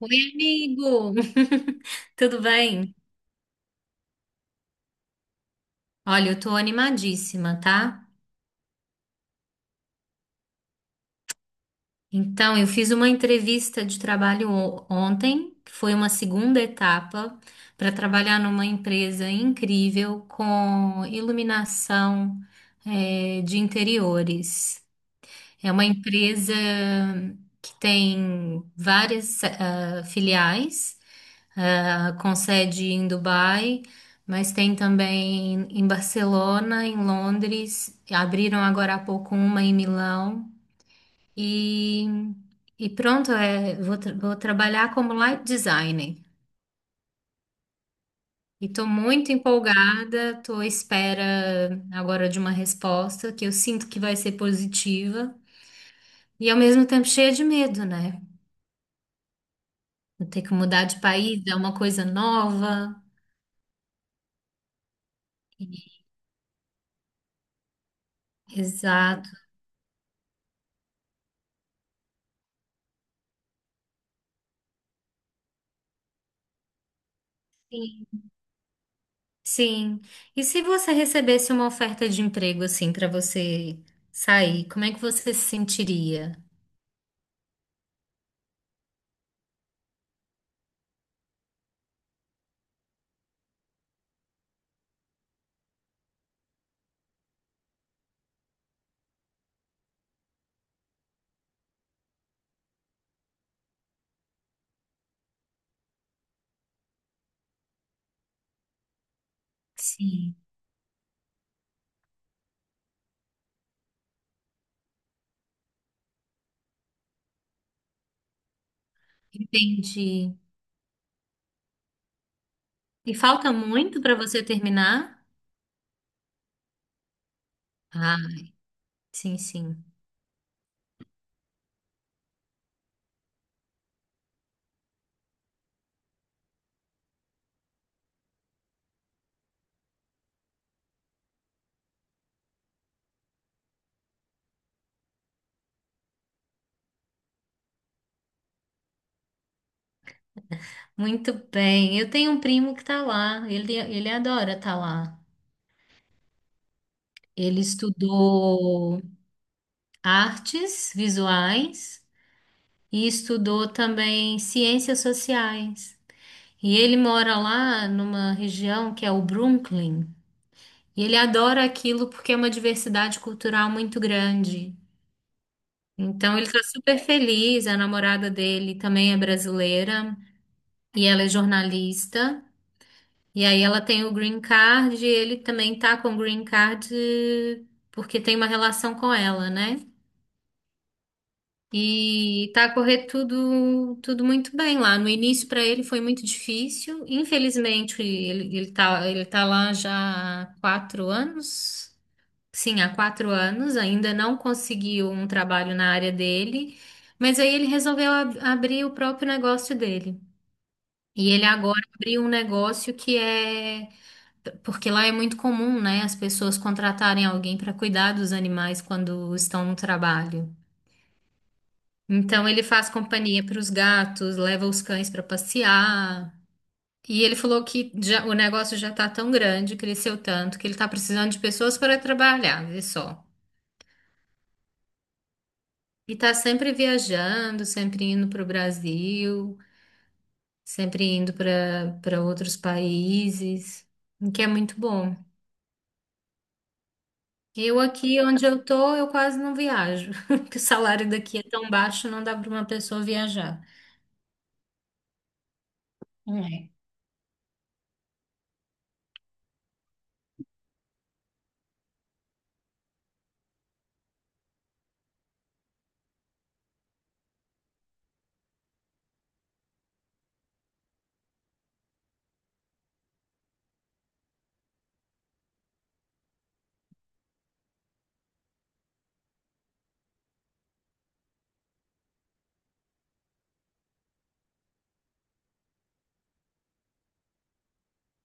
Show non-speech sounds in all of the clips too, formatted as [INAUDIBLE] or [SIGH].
Oi, amigo! [LAUGHS] Tudo bem? Olha, eu tô animadíssima, tá? Então, eu fiz uma entrevista de trabalho ontem, que foi uma segunda etapa, para trabalhar numa empresa incrível com iluminação, de interiores. É uma empresa que tem várias filiais. Com sede em Dubai, mas tem também em Barcelona, em Londres, abriram agora há pouco uma em Milão e, e pronto, é, vou, vou trabalhar como light designer. E estou muito empolgada, estou à espera agora de uma resposta que eu sinto que vai ser positiva e ao mesmo tempo cheia de medo, né? Vou ter que mudar de país, é uma coisa nova. Exato. Sim. E se você recebesse uma oferta de emprego assim para você sair, como é que você se sentiria? Sim, entendi. E falta muito para você terminar? Ah, sim, sim. Muito bem. Eu tenho um primo que tá lá. Ele adora estar lá. Ele estudou artes visuais e estudou também ciências sociais. E ele mora lá numa região que é o Brooklyn. E ele adora aquilo porque é uma diversidade cultural muito grande. Então ele está super feliz. A namorada dele também é brasileira e ela é jornalista. E aí ela tem o green card e ele também tá com o green card porque tem uma relação com ela, né? E tá a correr tudo, tudo muito bem lá. No início para ele foi muito difícil. Infelizmente ele tá lá já há 4 anos. Sim, há 4 anos, ainda não conseguiu um trabalho na área dele, mas aí ele resolveu abrir o próprio negócio dele. E ele agora abriu um negócio que é. Porque lá é muito comum, né, as pessoas contratarem alguém para cuidar dos animais quando estão no trabalho. Então ele faz companhia para os gatos, leva os cães para passear. E ele falou que o negócio já está tão grande, cresceu tanto, que ele está precisando de pessoas para trabalhar, vê só. E tá sempre viajando, sempre indo para o Brasil, sempre indo para outros países, o que é muito bom. Eu aqui onde eu tô, eu quase não viajo, [LAUGHS] porque o salário daqui é tão baixo, não dá para uma pessoa viajar. Não é?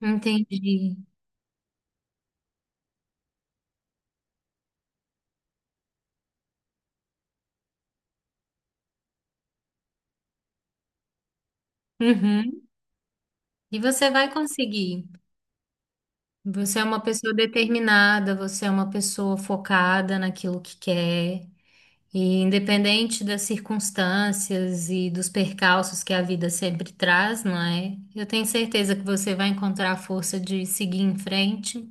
Entendi. Uhum. E você vai conseguir. Você é uma pessoa determinada, você é uma pessoa focada naquilo que quer. E independente das circunstâncias e dos percalços que a vida sempre traz, não é? Eu tenho certeza que você vai encontrar a força de seguir em frente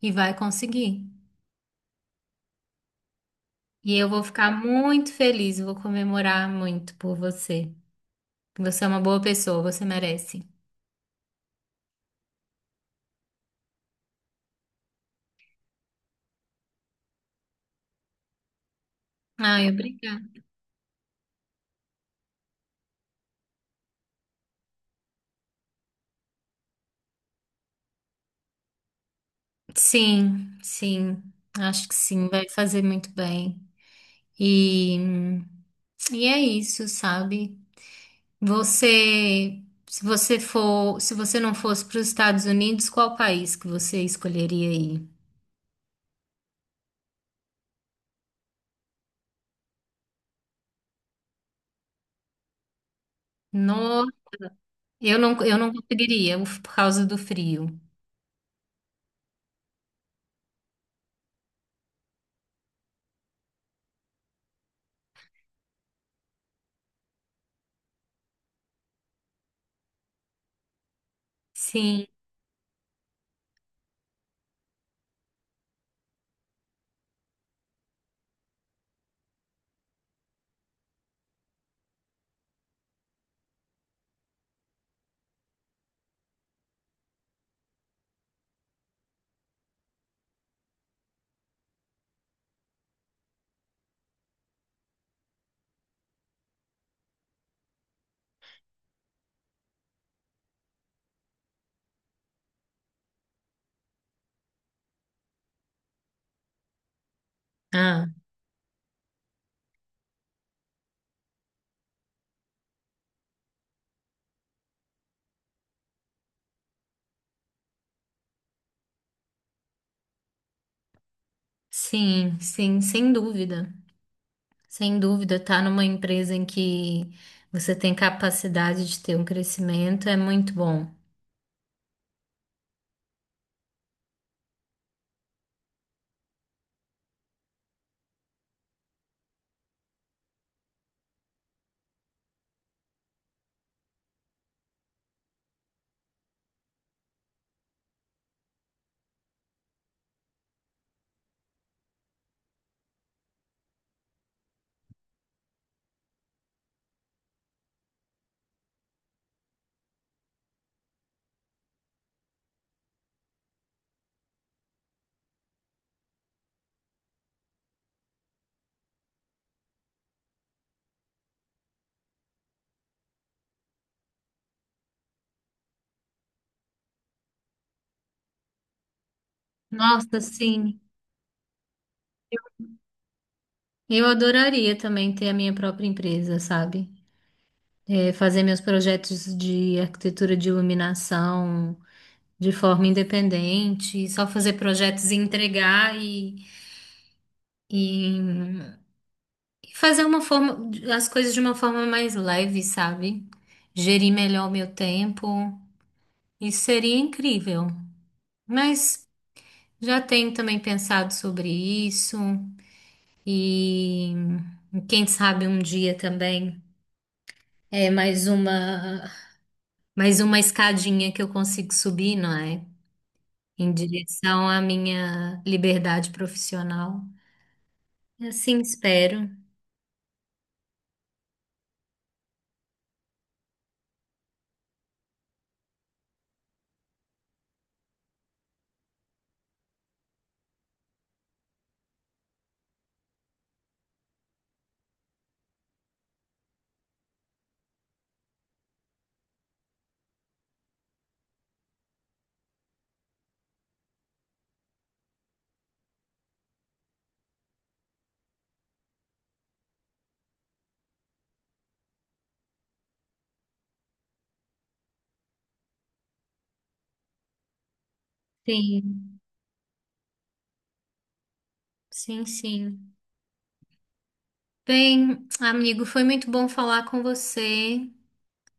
e vai conseguir. E eu vou ficar muito feliz, vou comemorar muito por você. Você é uma boa pessoa, você merece. Ai, obrigada. Sim, sim, acho que sim, vai fazer muito bem. E, e é isso, sabe? Você, se você for, se você não fosse para os Estados Unidos, qual país que você escolheria aí? No, eu não conseguiria, uf, por causa do frio. Sim, ah, sim, sim, sem dúvida. Sem dúvida, tá numa empresa em que você tem capacidade de ter um crescimento é muito bom. Nossa, sim. Eu adoraria também ter a minha própria empresa, sabe? É, fazer meus projetos de arquitetura de iluminação, de forma independente, só fazer projetos e entregar e e fazer uma forma, as coisas de uma forma mais leve, sabe? Gerir melhor o meu tempo. Isso seria incrível. Mas já tenho também pensado sobre isso e quem sabe um dia também é mais uma escadinha que eu consigo subir, não é? Em direção à minha liberdade profissional. Assim espero. Sim, sim, sim. Bem, amigo, foi muito bom falar com você.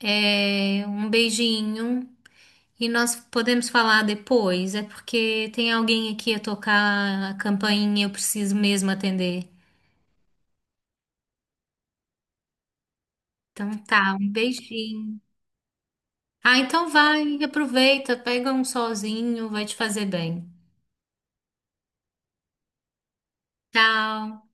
É, um beijinho. E nós podemos falar depois. É porque tem alguém aqui a tocar a campainha, eu preciso mesmo atender. Então tá, um beijinho. Ah, então vai, aproveita, pega um solzinho, vai te fazer bem. Tchau.